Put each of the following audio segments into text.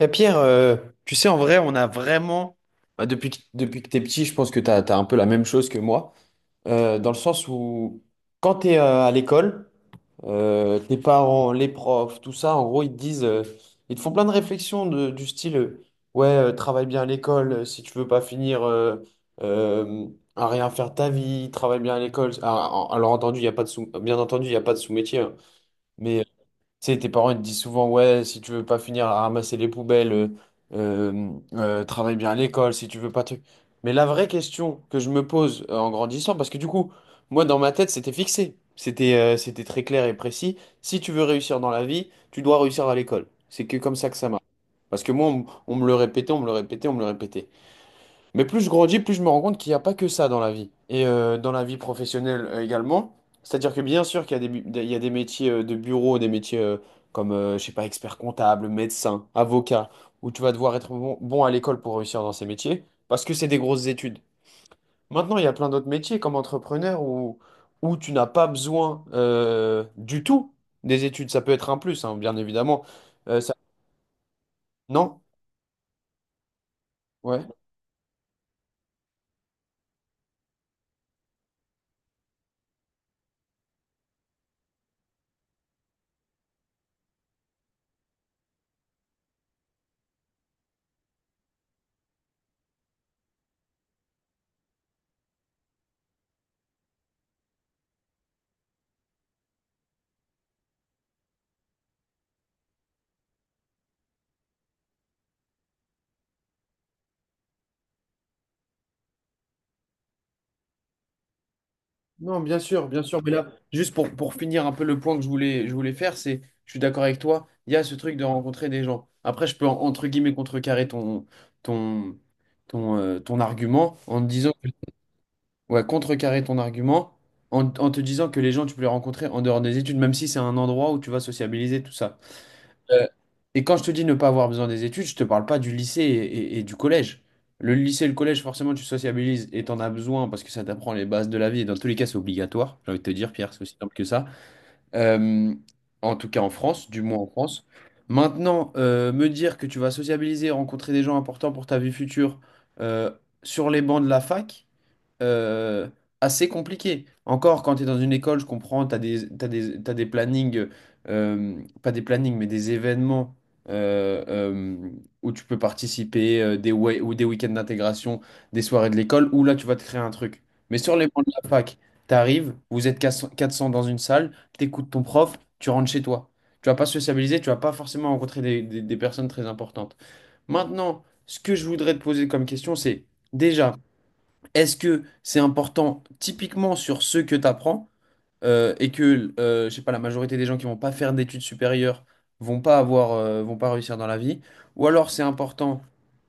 Eh, Pierre, euh, Tu sais, en vrai, on a vraiment, bah, depuis, depuis que t'es petit, je pense que t'as un peu la même chose que moi, dans le sens où quand t'es à l'école, tes parents, les profs, tout ça, en gros, ils te disent, ils te font plein de réflexions du style, ouais, travaille bien à l'école, si tu veux pas finir euh, à rien faire de ta vie, travaille bien à l'école. Ah, alors entendu, il y a pas de sous, bien entendu, il n'y a pas de sous-métier, hein. Mais tu sais, tes parents ils te disent souvent, ouais, si tu veux pas finir à ramasser les poubelles, travaille bien à l'école, si tu veux pas te... Mais la vraie question que je me pose en grandissant, parce que du coup, moi dans ma tête, c'était fixé, c'était très clair et précis, si tu veux réussir dans la vie, tu dois réussir à l'école. C'est que comme ça que ça marche. Parce que moi, on me le répétait, on me le répétait, on me le répétait. Mais plus je grandis, plus je me rends compte qu'il n'y a pas que ça dans la vie. Et dans la vie professionnelle également. C'est-à-dire que bien sûr qu'il y a il y a des métiers de bureau, des métiers comme, je sais pas, expert comptable, médecin, avocat, où tu vas devoir être bon à l'école pour réussir dans ces métiers, parce que c'est des grosses études. Maintenant, il y a plein d'autres métiers comme entrepreneur où tu n'as pas besoin du tout des études. Ça peut être un plus, hein, bien évidemment. Ça... Non? Ouais. Non, bien sûr, bien sûr. Mais là, juste pour finir un peu le point que je voulais faire, c'est, je suis d'accord avec toi, il y a ce truc de rencontrer des gens. Après, je peux, entre guillemets, contrecarrer ton, ton argument en te disant, ouais, contrecarrer ton argument en te disant que les gens, tu peux les rencontrer en dehors des études, même si c'est un endroit où tu vas sociabiliser, tout ça. Euh, et quand je te dis ne pas avoir besoin des études, je te parle pas du lycée et du collège. Le lycée et le collège, forcément, tu sociabilises et t'en as besoin parce que ça t'apprend les bases de la vie. Et dans tous les cas, c'est obligatoire. J'ai envie de te dire, Pierre, c'est aussi simple que ça. Euh, en tout cas, en France, du moins en France. Maintenant, me dire que tu vas sociabiliser, rencontrer des gens importants pour ta vie future euh, sur les bancs de la fac euh, assez compliqué. Encore, quand tu es dans une école, je comprends, tu as t'as des plannings, pas des plannings, mais des événements euh, euh, où tu peux participer, ou des week-ends d'intégration, des soirées de l'école, où là, tu vas te créer un truc. Mais sur les bancs de la fac, tu arrives, vous êtes 400 400 dans une salle, tu écoutes ton prof, tu rentres chez toi. Tu vas pas sociabiliser, tu vas pas forcément rencontrer des personnes très importantes. Maintenant, ce que je voudrais te poser comme question, c'est... Déjà, est-ce que c'est important typiquement sur ce que tu apprends et que, je sais pas, la majorité des gens qui vont pas faire d'études supérieures vont pas avoir, vont pas réussir dans la vie? Ou alors c'est important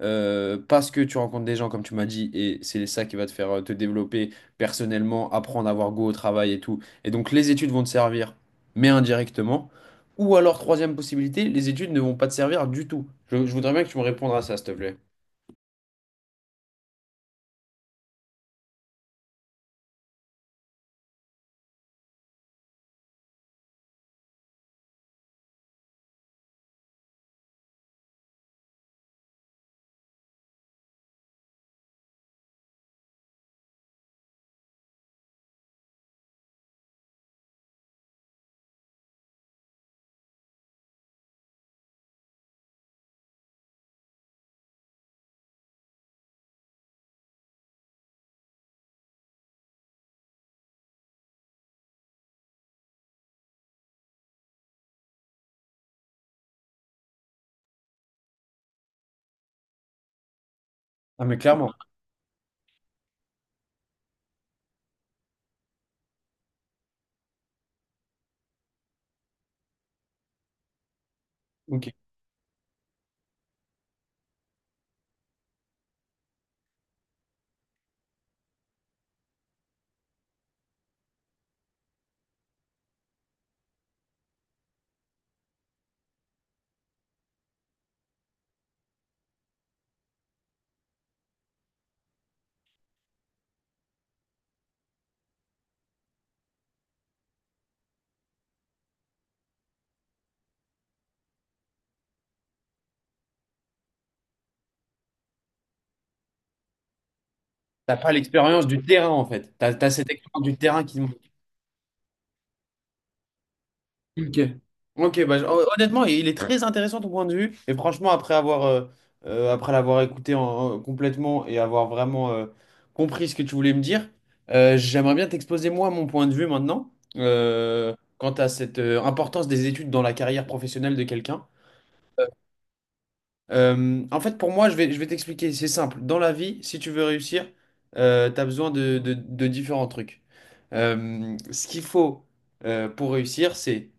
parce que tu rencontres des gens, comme tu m'as dit, et c'est ça qui va te faire te développer personnellement, apprendre à avoir goût au travail et tout. Et donc les études vont te servir, mais indirectement. Ou alors, troisième possibilité, les études ne vont pas te servir du tout. Je voudrais bien que tu me répondes à ça, s'il te plaît. Ah, mais clairement. Ok. T'as pas l'expérience du terrain en fait. T'as cette expérience du terrain qui manque. Ok. Ok, bah, honnêtement, il est très intéressant ton point de vue. Et franchement, après avoir, après l'avoir écouté complètement et avoir vraiment compris ce que tu voulais me dire, j'aimerais bien t'exposer moi mon point de vue maintenant quant à cette importance des études dans la carrière professionnelle de quelqu'un. En fait, pour moi, je vais t'expliquer, c'est simple. Dans la vie, si tu veux réussir, tu as besoin de différents trucs. Ce qu'il faut pour réussir, c'est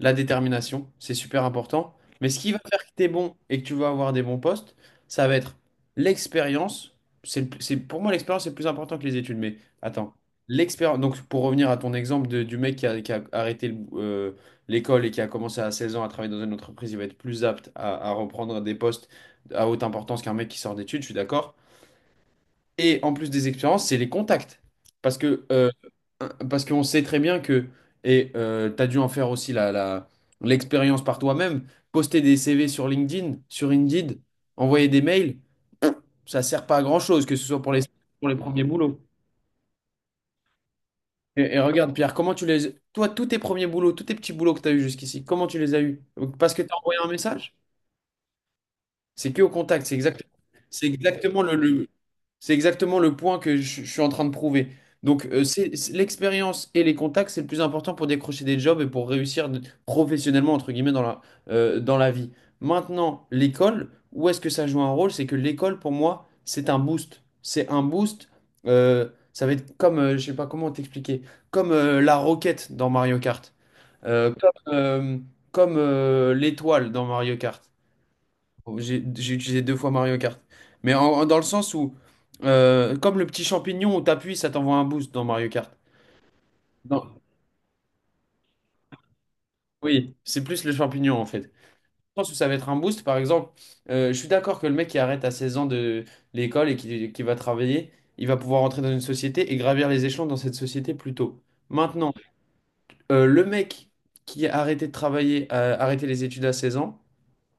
la détermination, c'est super important. Mais ce qui va faire que tu es bon et que tu vas avoir des bons postes, ça va être l'expérience. Pour moi, l'expérience est plus important que les études. Mais attends, l'expérience. Donc, pour revenir à ton exemple du mec qui a arrêté l'école et qui a commencé à 16 ans à travailler dans une entreprise, il va être plus apte à reprendre des postes à haute importance qu'un mec qui sort d'études, je suis d'accord. Et en plus des expériences, c'est les contacts. Parce que, parce qu'on sait très bien que, et tu as dû en faire aussi l'expérience par toi-même, poster des CV sur LinkedIn, sur Indeed, envoyer des mails, ça sert pas à grand-chose, que ce soit pour les premiers boulots. Et regarde, Pierre, comment tu les... Toi, tous tes premiers boulots, tous tes petits boulots que tu as eus jusqu'ici, comment tu les as eus? Parce que tu as envoyé un message? C'est que au contact. C'est exact, c'est exactement c'est exactement le point que je suis en train de prouver. Donc, l'expérience et les contacts, c'est le plus important pour décrocher des jobs et pour réussir professionnellement, entre guillemets, dans la vie. Maintenant, l'école, où est-ce que ça joue un rôle? C'est que l'école, pour moi, c'est un boost. C'est un boost. Ça va être comme, je sais pas comment t'expliquer, comme la roquette dans Mario Kart. Euh, comme euh, comme, l'étoile dans Mario Kart. J'ai utilisé deux fois Mario Kart. Mais dans le sens où, comme le petit champignon où t'appuies, ça t'envoie un boost dans Mario Kart. Non, oui, c'est plus le champignon en fait. Dans le sens ça va être un boost, par exemple, je suis d'accord que le mec qui arrête à 16 ans de l'école et qui va travailler, il va pouvoir entrer dans une société et gravir les échelons dans cette société plus tôt. Maintenant, le mec qui a arrêté de travailler, a arrêté les études à 16 ans,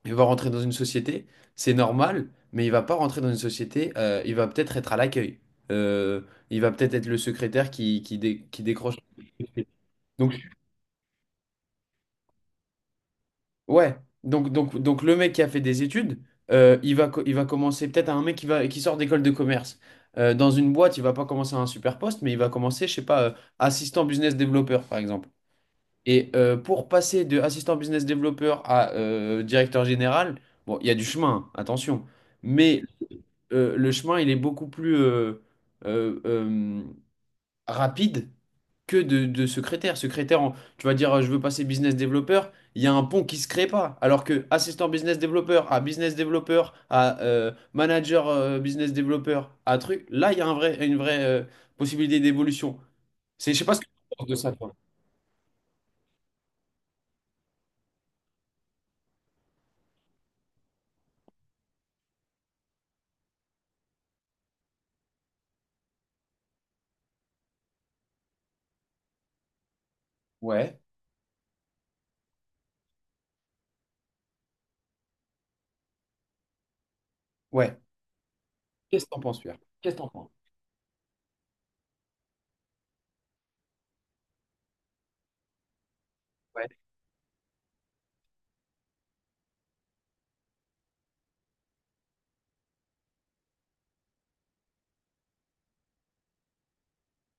il va rentrer dans une société, c'est normal, mais il va pas rentrer dans une société, il va peut-être être à l'accueil. Euh, il va peut-être être le secrétaire qui décroche. Donc, ouais, donc le mec qui a fait des études, il va, il va commencer peut-être à un mec qui sort d'école de commerce. Dans une boîte, il va pas commencer à un super poste, mais il va commencer, je sais pas, assistant business développeur, par exemple. Et pour passer de assistant business développeur à directeur général, bon, il y a du chemin, hein, attention. Mais le chemin, il est beaucoup plus euh, euh, rapide que de secrétaire. Secrétaire, tu vas dire, je veux passer business developer, il y a un pont qui se crée pas. Alors que assistant business developer à manager business developer à truc, là, il y a un vrai, une vraie possibilité d'évolution. C'est, je sais pas ce que tu penses de ça, toi. Ouais, ouais. Qu'est-ce que t'en penses, Pierre? Qu'est-ce que t'en penses?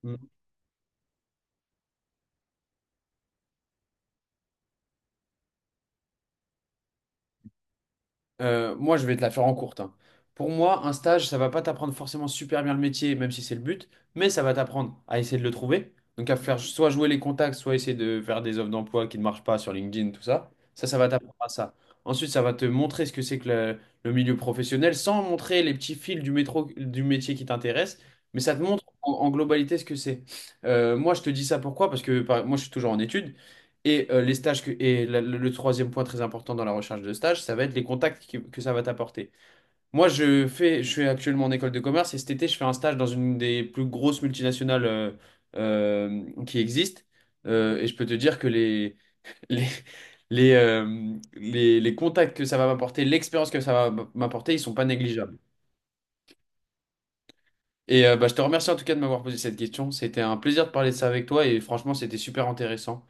Ouais. Moi, je vais te la faire en courte. Hein. Pour moi, un stage, ça va pas t'apprendre forcément super bien le métier, même si c'est le but, mais ça va t'apprendre à essayer de le trouver. Donc à faire soit jouer les contacts, soit essayer de faire des offres d'emploi qui ne marchent pas sur LinkedIn, tout ça. Ça va t'apprendre à ça. Ensuite, ça va te montrer ce que c'est que le milieu professionnel, sans montrer les petits fils du métro, du métier qui t'intéresse, mais ça te montre en globalité ce que c'est. Moi, je te dis ça pourquoi? Moi, je suis toujours en études. Et les stages que, et le troisième point très important dans la recherche de stage, ça va être les contacts que ça va t'apporter. Moi, je suis actuellement en école de commerce et cet été, je fais un stage dans une des plus grosses multinationales qui existent. Et je peux te dire que les, les contacts que ça va m'apporter, l'expérience que ça va m'apporter, ils sont pas négligeables. Et bah, je te remercie en tout cas de m'avoir posé cette question. C'était un plaisir de parler de ça avec toi et franchement, c'était super intéressant.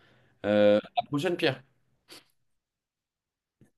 À la prochaine, Pierre.